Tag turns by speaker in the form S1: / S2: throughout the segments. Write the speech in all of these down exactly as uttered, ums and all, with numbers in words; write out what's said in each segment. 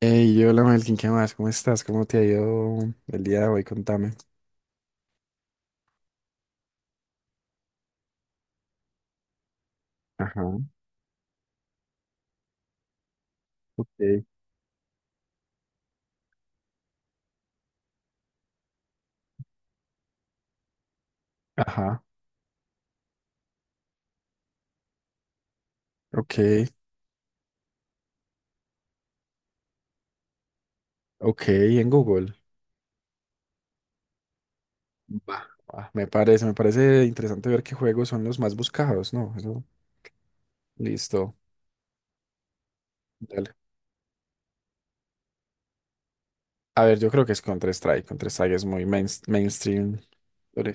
S1: Hey, hola Melkin, ¿qué más? ¿Cómo estás? ¿Cómo te ha ido el día de hoy? Contame. Ajá, ok. Ajá, ok, ok, en Google. Va, va, Me parece, me parece interesante ver qué juegos son los más buscados, ¿no? Eso, listo, dale. A ver, yo creo que es Counter-Strike. Counter-Strike es muy main- mainstream. Dale.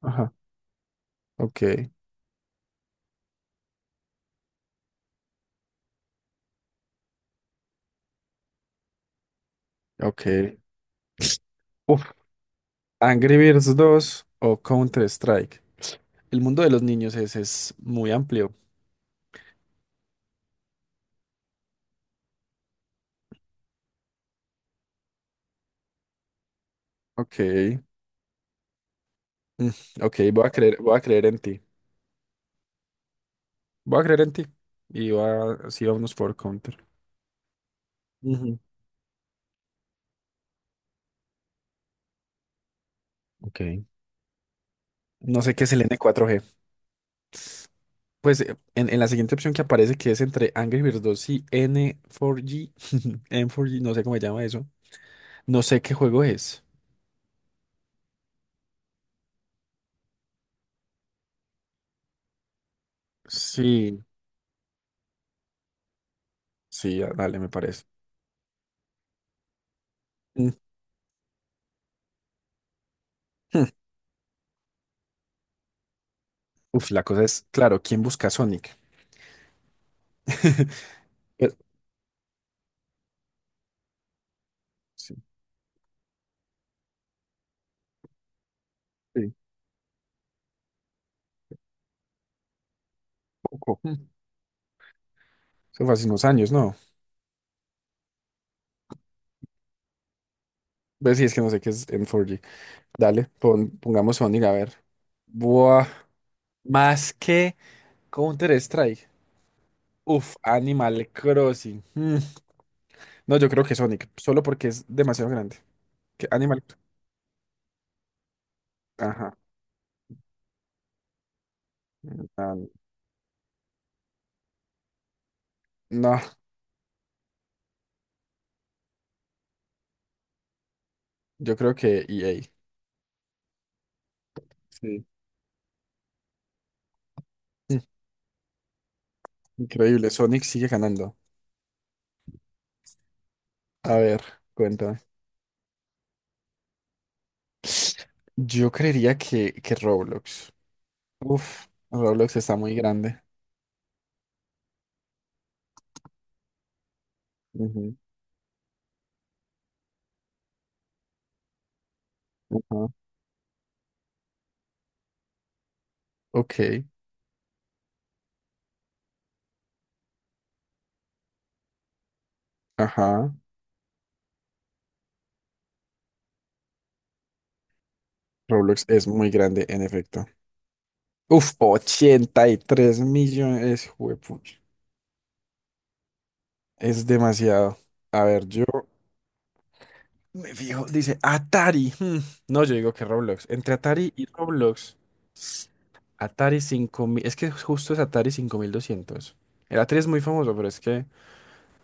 S1: Ajá, ok, ok. Uf, Angry Birds dos o Counter-Strike. El mundo de los niños es, es muy amplio. Ok. Mm. Ok, voy a creer, voy a creer en ti. Voy a creer en ti. Y va, sí, vámonos por counter. Ujú. Ok. No sé qué es el N cuatro G. Pues eh, en, en la siguiente opción que aparece, que es entre Angry Birds dos y N cuatro G, N cuatro G, no sé cómo se llama eso. No sé qué juego es. Sí, sí, ah, dale, me parece. Mm, hmm. Uf, la cosa es, claro, ¿quién busca a Sonic? Pero- sí, sí, poco. Mm. Eso fue hace unos años, ¿no? Pues sí, es que no sé qué es N cuatro G. Dale, pon- pongamos Sonic, a ver. Buah, más que Counter-Strike. Uf, Animal Crossing. Mm. No, yo creo que Sonic, solo porque es demasiado grande. Que Animal, ajá. Ah, no, yo creo que E A. Sí. Mm, Increíble, Sonic sigue ganando. A ver, cuéntame. Yo creería que, que Roblox. Uf, Roblox está muy grande. Ujú, ujú. Ok, ajá. Roblox es muy grande, en efecto. Uf, ochenta y tres millones, juepucha, es demasiado. A ver, yo me fijo, dice Atari. hmm, No, yo digo que Roblox. Entre Atari y Roblox, Atari cinco mil, es que justo es Atari cinco mil doscientos. El Atari es muy famoso, pero es que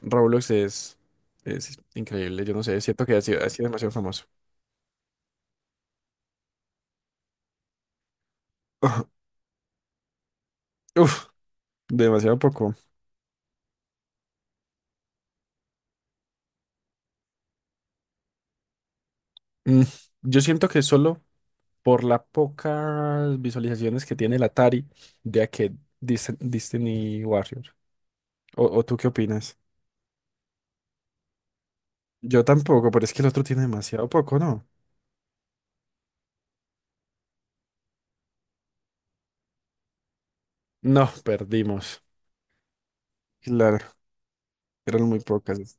S1: Roblox es, es increíble, yo no sé, siento que ha sido, ha sido demasiado famoso. Uf, demasiado poco. Mm, Yo siento que solo por las pocas visualizaciones que tiene el Atari de aquel Dis- Destiny Warrior. ¿O, o tú qué opinas? Yo tampoco, pero es que el otro tiene demasiado poco, ¿no? No, perdimos. Claro, eran muy pocas.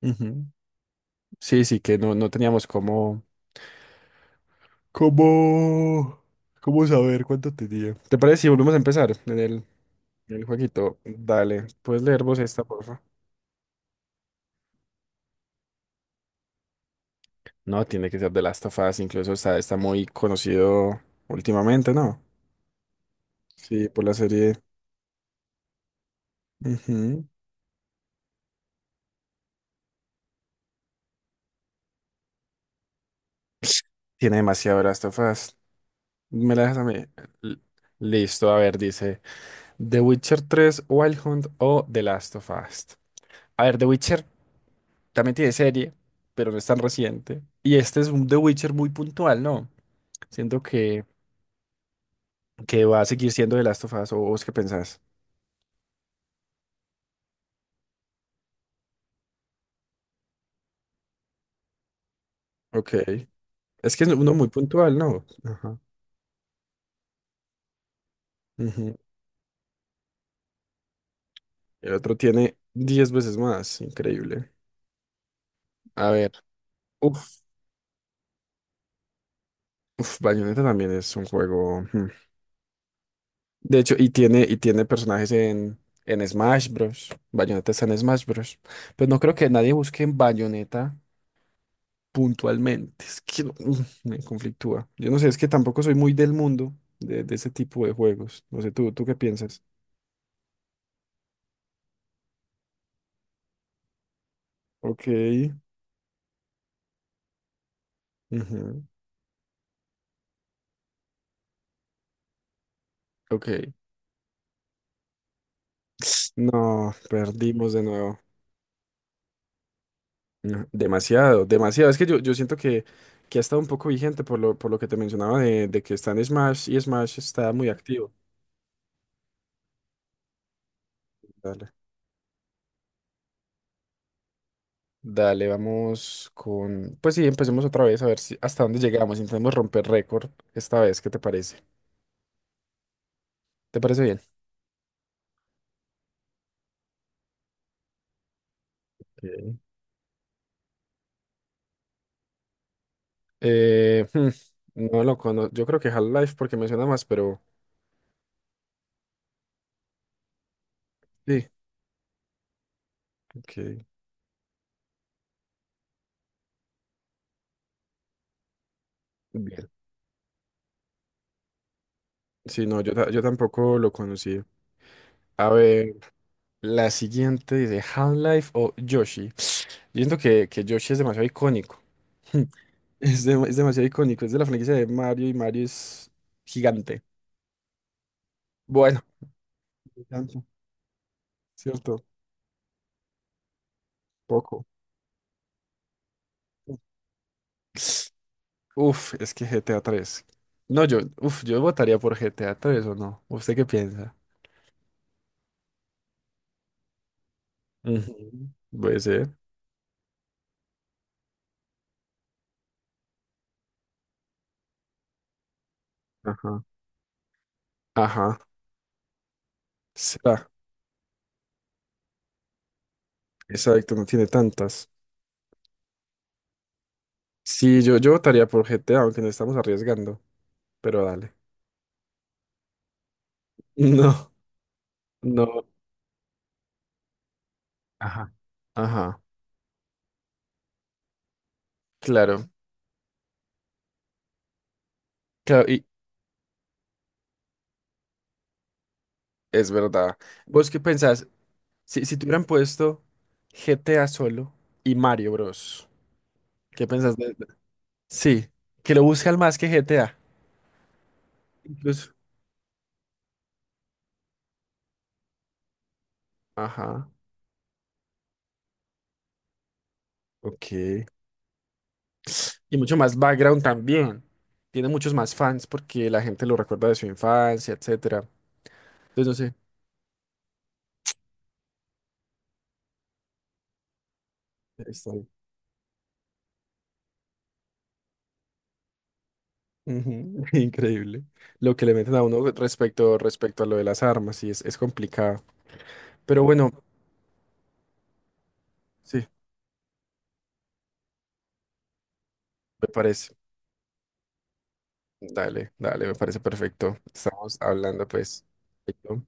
S1: Ujú. Sí, sí, que no, no teníamos cómo. ¿Cómo? ¿Cómo saber cuánto tenía? ¿Te parece si volvemos a empezar en el, en el jueguito? Dale, puedes leer vos esta, porfa. No, tiene que ser de Last of Us, incluso está, está muy conocido últimamente, ¿no? Sí, por la serie. Ujú. Tiene demasiado Last of Us. Me la dejas a mí. L- Listo, a ver, dice The Witcher tres, Wild Hunt o The Last of Us. A ver, The Witcher también tiene serie, pero no es tan reciente. Y este es un The Witcher muy puntual, ¿no? Siento que, que va a seguir siendo The Last of Us, ¿o vos qué pensás? Ok. Es que es uno muy puntual, ¿no? Ajá. Ujú. El otro tiene diez veces más, increíble. A ver. Uf. Uf, Bayonetta también es un juego. Hmm. De hecho, y tiene, y tiene personajes en, en Smash Bros. Bayonetta está en Smash Bros. Pero no creo que nadie busque en Bayonetta puntualmente. Es que no- me conflictúa. Yo no sé, es que tampoco soy muy del mundo de, de ese tipo de juegos. No sé, ¿tú, tú qué piensas? Ok. Ujú. Ok. No, perdimos de nuevo. No, demasiado, demasiado. Es que yo, yo siento que, que ha estado un poco vigente por lo, por lo que te mencionaba de, de que está en Smash y Smash está muy activo. Dale. Dale, vamos con. Pues sí, empecemos otra vez a ver si hasta dónde llegamos. Intentemos romper récord esta vez. ¿Qué te parece? ¿Te parece bien? Ok. Eh, hmm, no lo conozco. Yo creo que Half-Life porque me suena más, pero sí. Ok, bien. Sí, no, yo, ta- yo tampoco lo conocí. A ver, la siguiente dice Half-Life o Yoshi. Yo siento que, que Yoshi es demasiado icónico. Es, dem- es demasiado icónico. Es de la franquicia de Mario y Mario es gigante. Bueno, gigante, ¿cierto? Poco. Uf, es que GTA tres. No, yo, uf, yo votaría por GTA tres, o no. ¿Usted qué piensa? Ujú. Puede ser. Ajá. Ajá. Será. Exacto, no tiene tantas. Sí, yo, yo votaría por G T A, aunque nos estamos arriesgando. Pero dale. No, no. Ajá. Ajá. Claro. Claro, y es verdad. ¿Vos qué pensás? Si, si te hubieran puesto G T A solo y Mario Bros. ¿Qué pensás de? Sí, que lo buscan más que G T A. Incluso. Ajá, ok. Y mucho más background también. Tiene muchos más fans porque la gente lo recuerda de su infancia, etcétera. Entonces, no sé. Está bien. Ujú. Increíble. Lo que le meten a uno respecto, respecto a lo de las armas, sí, es, es complicado. Pero bueno, sí, me parece. Dale, dale, me parece perfecto. Estamos hablando, pues. Perfecto.